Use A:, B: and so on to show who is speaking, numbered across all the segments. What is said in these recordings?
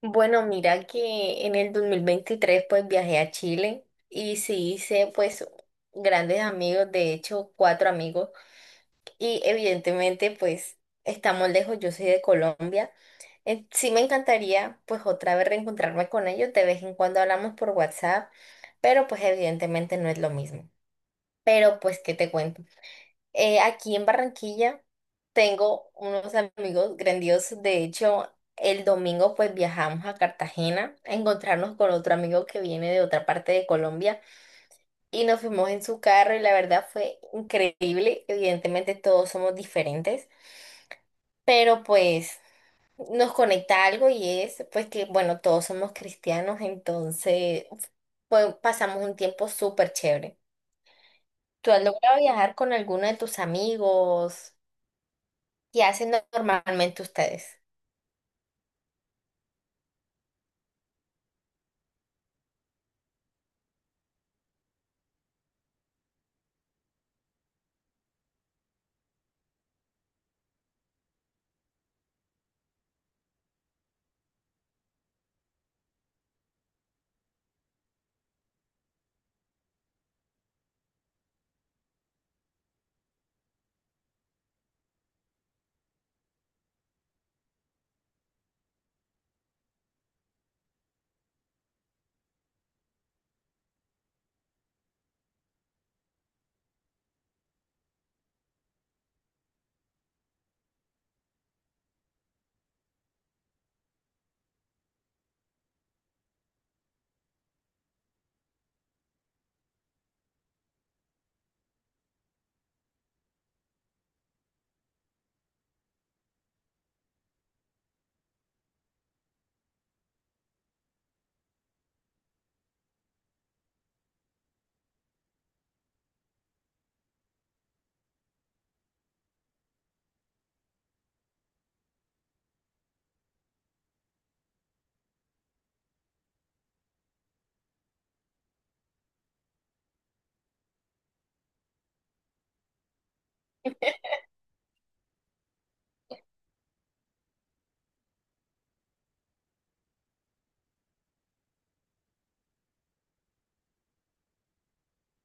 A: Bueno, mira que en el 2023, pues viajé a Chile y sí hice pues grandes amigos, de hecho cuatro amigos y evidentemente pues estamos lejos, yo soy de Colombia. Sí me encantaría pues otra vez reencontrarme con ellos, de vez en cuando hablamos por WhatsApp, pero pues evidentemente no es lo mismo. Pero pues, ¿qué te cuento? Aquí en Barranquilla tengo unos amigos grandiosos. De hecho, el domingo pues viajamos a Cartagena a encontrarnos con otro amigo que viene de otra parte de Colombia y nos fuimos en su carro y la verdad fue increíble. Evidentemente todos somos diferentes, pero pues nos conecta algo y es pues que bueno, todos somos cristianos, entonces pues pasamos un tiempo súper chévere. ¿Tú has logrado viajar con alguno de tus amigos? ¿Qué hacen normalmente ustedes?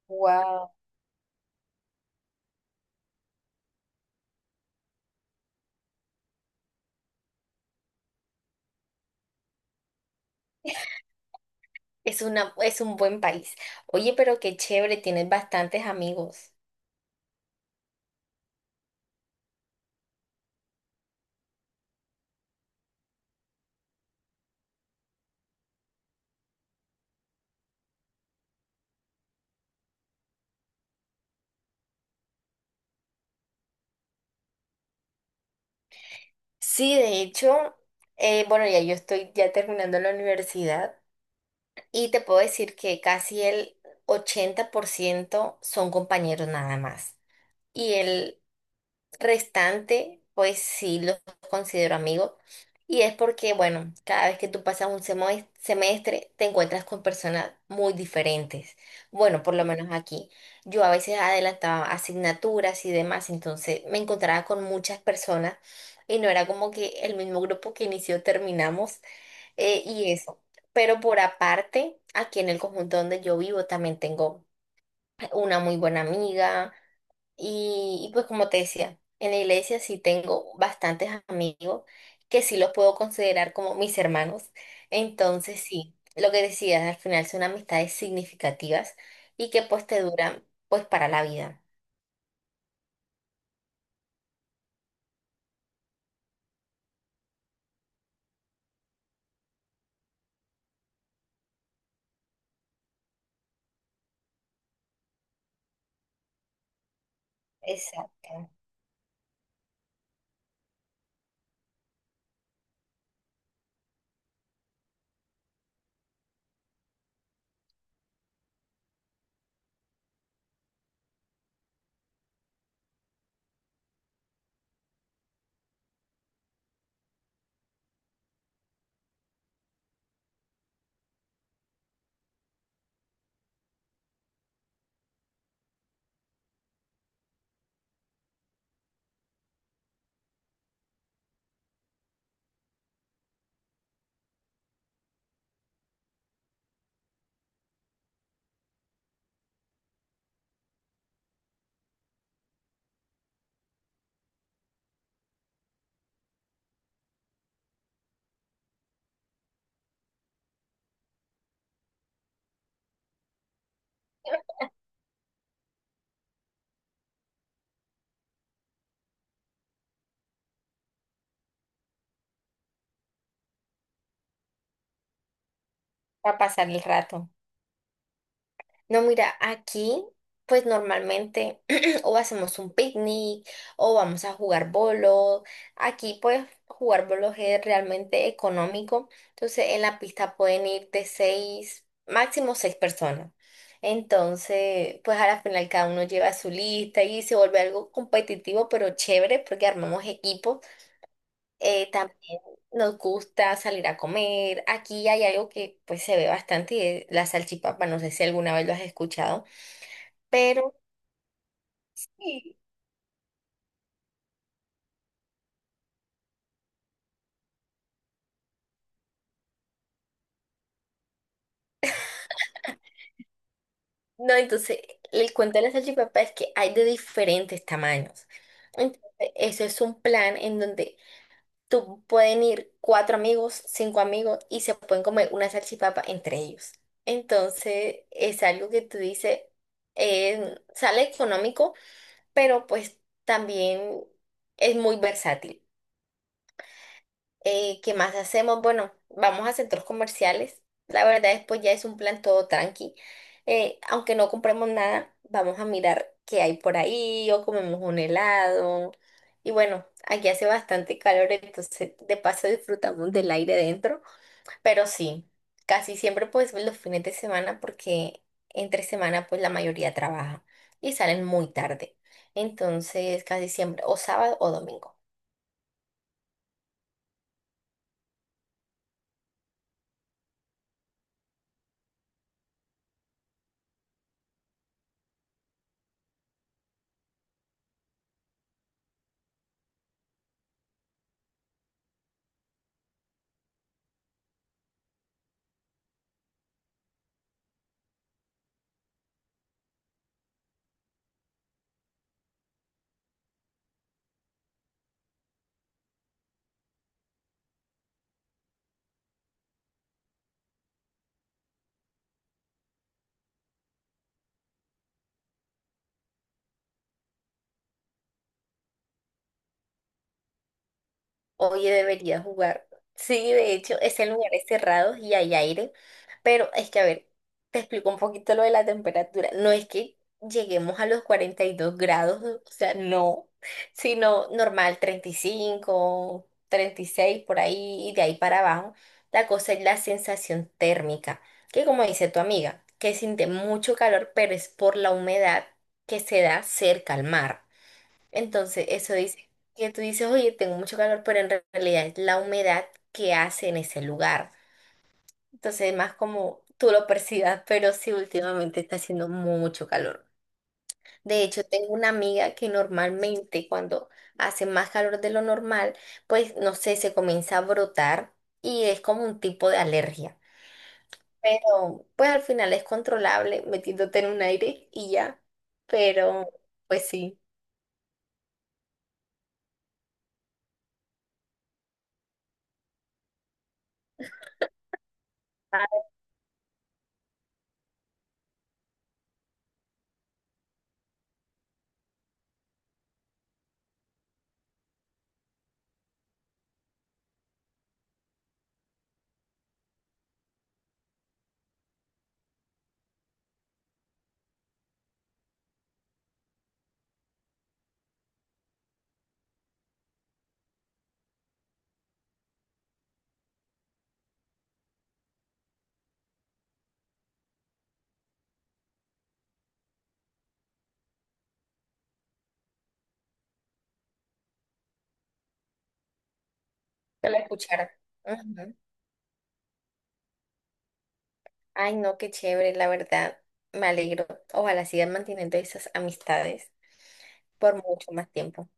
A: Wow, es una, es un buen país. Oye, pero qué chévere, tienes bastantes amigos. Sí, de hecho, bueno, ya yo estoy ya terminando la universidad y te puedo decir que casi el 80% son compañeros nada más. Y el restante, pues sí los considero amigos. Y es porque, bueno, cada vez que tú pasas un semestre, te encuentras con personas muy diferentes. Bueno, por lo menos aquí. Yo a veces adelantaba asignaturas y demás, entonces me encontraba con muchas personas y no era como que el mismo grupo que inició terminamos, y eso. Pero por aparte, aquí en el conjunto donde yo vivo también tengo una muy buena amiga y pues como te decía, en la iglesia sí tengo bastantes amigos que sí los puedo considerar como mis hermanos. Entonces sí, lo que decías, al final son amistades significativas y que pues te duran pues para la vida. Exacto, para pasar el rato. No, mira, aquí pues normalmente o hacemos un picnic o vamos a jugar bolos. Aquí pues jugar bolos es realmente económico. Entonces en la pista pueden ir de seis, máximo seis personas. Entonces pues a la final cada uno lleva su lista y se vuelve algo competitivo pero chévere porque armamos equipos. También nos gusta salir a comer. Aquí hay algo que pues se ve bastante y es la salchipapa. No sé si alguna vez lo has escuchado. Pero sí, no, entonces el cuento de la salchipapa es que hay de diferentes tamaños. Entonces, eso es un plan en donde tú pueden ir cuatro amigos, cinco amigos y se pueden comer una salchipapa entre ellos. Entonces, es algo que tú dices, sale económico, pero pues también es muy versátil. ¿Qué más hacemos? Bueno, vamos a centros comerciales. La verdad, después ya es un plan todo tranqui. Aunque no compremos nada, vamos a mirar qué hay por ahí o comemos un helado. Y bueno, aquí hace bastante calor, entonces de paso disfrutamos del aire dentro. Pero sí, casi siempre pues los fines de semana porque entre semana pues la mayoría trabaja y salen muy tarde. Entonces casi siempre o sábado o domingo. Oye, debería jugar. Sí, de hecho, es en lugares cerrados y hay aire, pero es que, a ver, te explico un poquito lo de la temperatura. No es que lleguemos a los 42 grados, o sea, no, sino normal, 30, 35, 36 por ahí y de ahí para abajo. La cosa es la sensación térmica, que como dice tu amiga, que siente mucho calor, pero es por la humedad que se da cerca al mar. Entonces, eso dice que tú dices, oye, tengo mucho calor, pero en realidad es la humedad que hace en ese lugar. Entonces, es más como tú lo percibas, pero sí, últimamente está haciendo mucho calor. De hecho, tengo una amiga que normalmente cuando hace más calor de lo normal, pues no sé, se comienza a brotar y es como un tipo de alergia. Pero pues al final es controlable metiéndote en un aire y ya. Pero pues sí, que la escuchara. Ay, no, qué chévere, la verdad. Me alegro. Ojalá sigan manteniendo esas amistades por mucho más tiempo.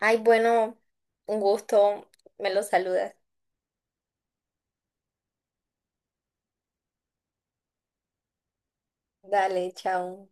A: Ay, bueno, un gusto. Me los saludas. Dale, chao.